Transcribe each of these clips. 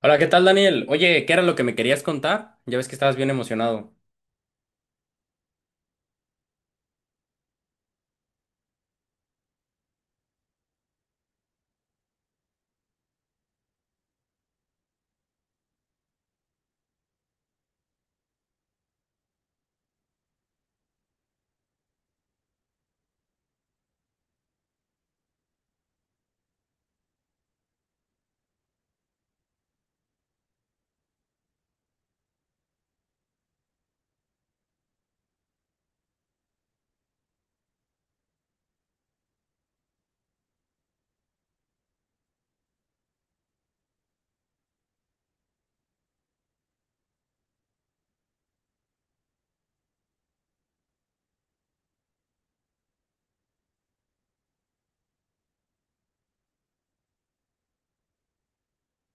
Hola, ¿qué tal, Daniel? Oye, ¿qué era lo que me querías contar? Ya ves que estabas bien emocionado.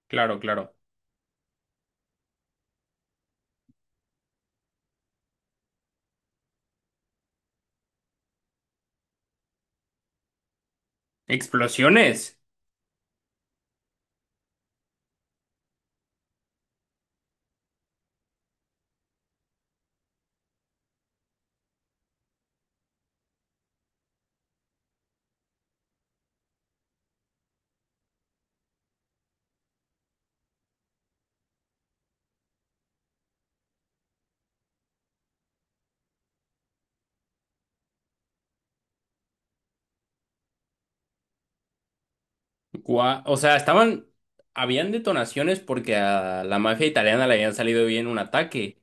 Claro, claro. ¿Explosiones? Estaban... Habían detonaciones porque a la mafia italiana le habían salido bien un ataque.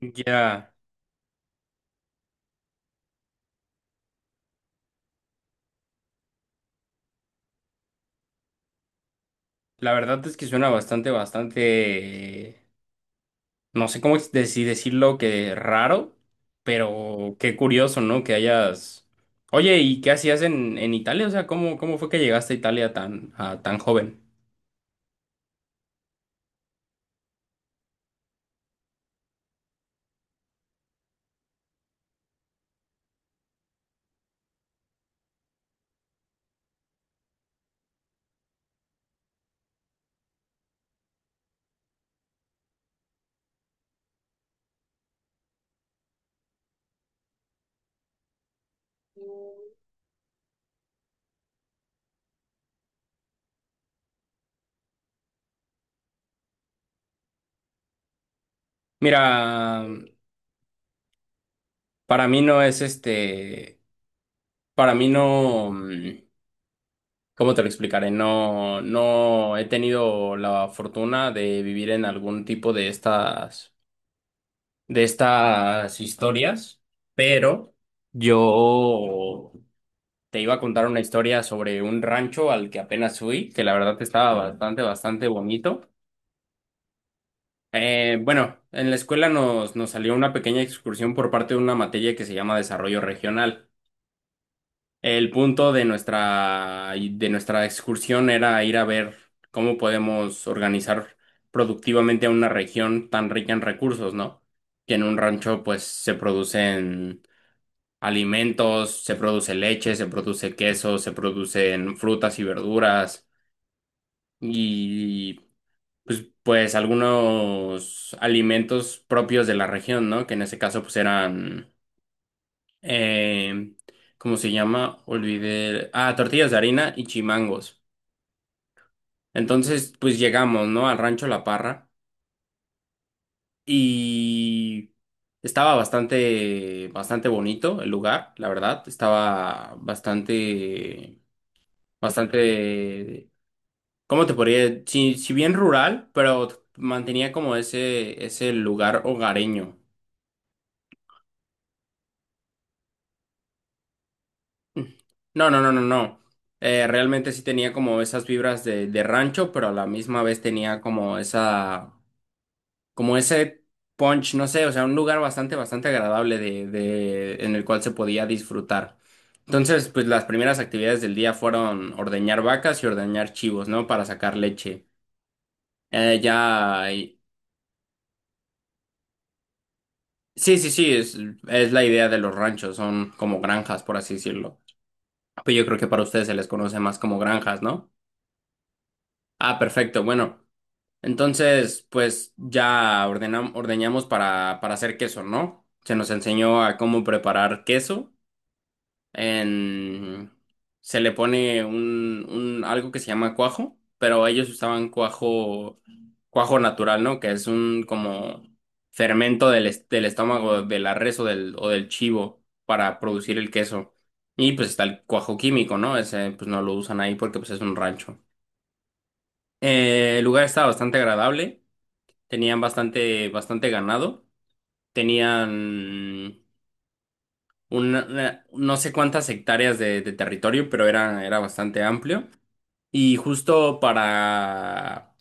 Ya, la verdad es que suena bastante, bastante, no sé cómo si decirlo, que raro, pero qué curioso, ¿no? Que hayas... Oye, ¿y qué hacías en Italia? O sea, ¿cómo, cómo fue que llegaste a Italia tan, a tan joven? Mira, para mí no es este, para mí no, ¿cómo te lo explicaré? No, no he tenido la fortuna de vivir en algún tipo de estas historias, pero yo te iba a contar una historia sobre un rancho al que apenas fui, que la verdad estaba bastante, bastante bonito. Bueno, en la escuela nos salió una pequeña excursión por parte de una materia que se llama desarrollo regional. El punto de de nuestra excursión era ir a ver cómo podemos organizar productivamente a una región tan rica en recursos, ¿no? Que en un rancho pues se producen alimentos, se produce leche, se produce queso, se producen frutas y verduras y pues algunos alimentos propios de la región, ¿no? Que en ese caso pues eran eh, ¿cómo se llama? Olvidé. Ah, tortillas de harina y chimangos. Entonces, pues llegamos, ¿no? Al rancho La Parra y estaba bastante, bastante bonito el lugar, la verdad. Estaba bastante, bastante, ¿cómo te podría? Sí, sí bien rural, pero mantenía como ese lugar hogareño. No, no, no, no, no. Realmente sí tenía como esas vibras de rancho, pero a la misma vez tenía como esa, como ese punch, no sé, o sea, un lugar bastante, bastante agradable en el cual se podía disfrutar. Entonces, pues las primeras actividades del día fueron ordeñar vacas y ordeñar chivos, ¿no? Para sacar leche. Eh, ya, y- sí, sí, sí, es la idea de los ranchos, son como granjas, por así decirlo. Pues yo creo que para ustedes se les conoce más como granjas, ¿no? Ah, perfecto, bueno. Entonces, pues ya ordeñamos para hacer queso, ¿no? Se nos enseñó a cómo preparar queso. En... Se le pone un algo que se llama cuajo, pero ellos usaban cuajo, cuajo natural, ¿no? Que es un como fermento del estómago de la res o del chivo para producir el queso. Y pues está el cuajo químico, ¿no? Ese pues no lo usan ahí porque pues es un rancho. El lugar está bastante agradable, tenían bastante, bastante ganado, tenían no sé cuántas hectáreas de territorio, pero era bastante amplio. Y justo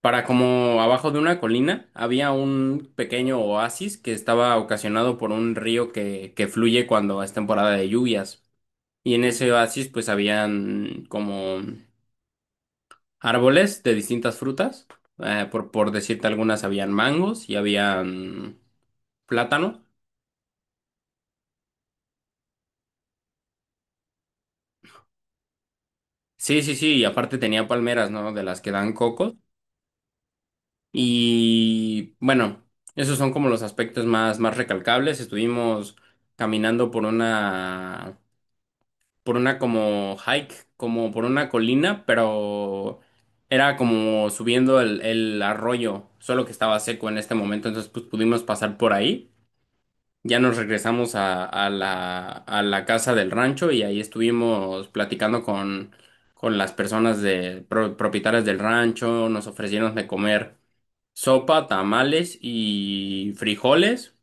para como abajo de una colina había un pequeño oasis que estaba ocasionado por un río que fluye cuando es temporada de lluvias. Y en ese oasis pues habían como árboles de distintas frutas. Por decirte algunas, habían mangos y habían plátano. Sí, sí, sí, y aparte tenía palmeras, ¿no? De las que dan cocos. Y bueno, esos son como los aspectos más, más recalcables. Estuvimos caminando por una como hike, como por una colina, pero era como subiendo el arroyo, solo que estaba seco en este momento, entonces pues pudimos pasar por ahí. Ya nos regresamos a la casa del rancho y ahí estuvimos platicando con las personas propietarias del rancho. Nos ofrecieron de comer sopa, tamales y frijoles.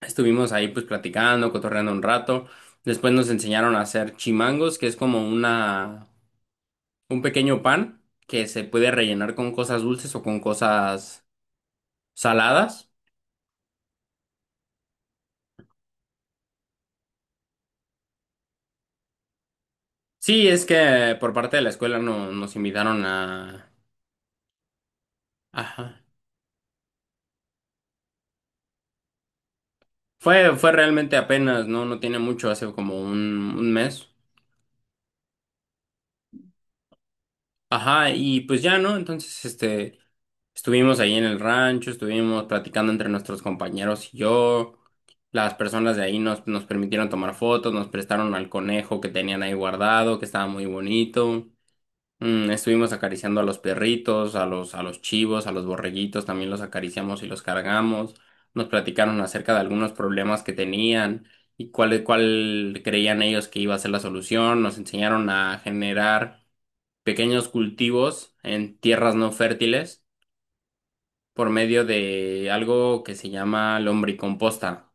Estuvimos ahí pues platicando, cotorreando un rato. Después nos enseñaron a hacer chimangos, que es como una, un pequeño pan que se puede rellenar con cosas dulces o con cosas saladas. Sí, es que por parte de la escuela no, nos invitaron a... Ajá. Fue realmente apenas, ¿no? No tiene mucho, hace como un mes. Ajá, y pues ya, ¿no? Entonces, este, estuvimos ahí en el rancho, estuvimos platicando entre nuestros compañeros y yo. Las personas de ahí nos permitieron tomar fotos, nos prestaron al conejo que tenían ahí guardado, que estaba muy bonito. Mm, estuvimos acariciando a los perritos, a los chivos, a los borreguitos, también los acariciamos y los cargamos. Nos platicaron acerca de algunos problemas que tenían y cuál creían ellos que iba a ser la solución. Nos enseñaron a generar pequeños cultivos en tierras no fértiles por medio de algo que se llama lombricomposta.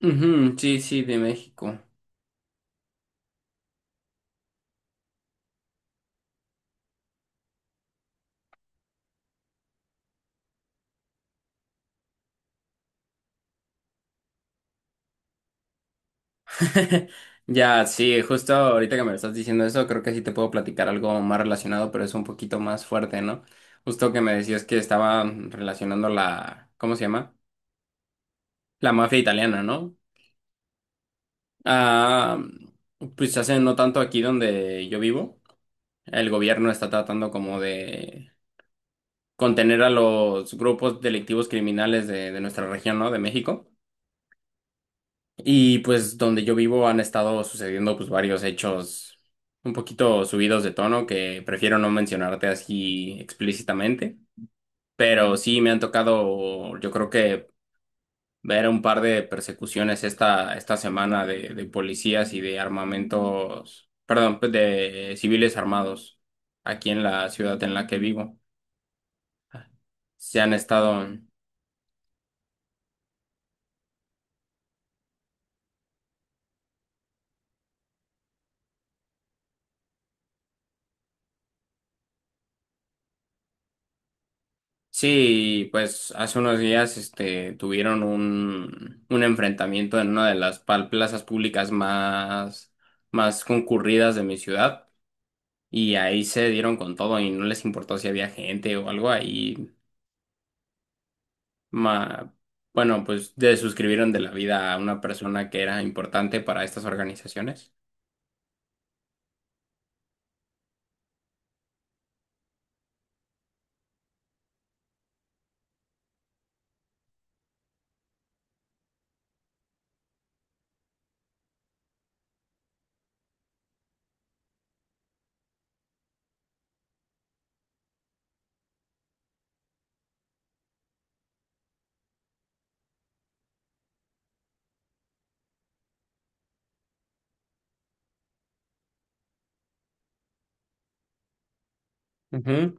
Ujú, sí, sí, de México. Ya, sí, justo ahorita que me lo estás diciendo eso, creo que sí te puedo platicar algo más relacionado, pero es un poquito más fuerte, ¿no? Justo que me decías que estaba relacionando la, ¿cómo se llama? La mafia italiana, ¿no? Ah, pues hace no tanto aquí donde yo vivo, el gobierno está tratando como de contener a los grupos delictivos criminales de nuestra región, ¿no? De México. Y pues donde yo vivo han estado sucediendo pues varios hechos un poquito subidos de tono que prefiero no mencionarte así explícitamente, pero sí me han tocado yo creo que ver un par de persecuciones esta semana de policías y de armamentos, perdón, pues, de civiles armados aquí en la ciudad en la que vivo. Se han estado... Sí, pues hace unos días este, tuvieron un enfrentamiento en una de las plazas públicas más, más concurridas de mi ciudad y ahí se dieron con todo y no les importó si había gente o algo ahí. ma- bueno, pues desuscribieron de la vida a una persona que era importante para estas organizaciones. Ujú,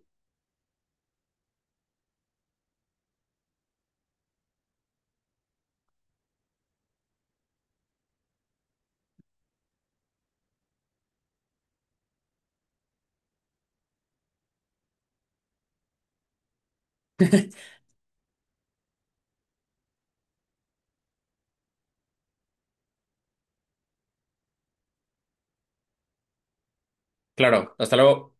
claro, hasta luego.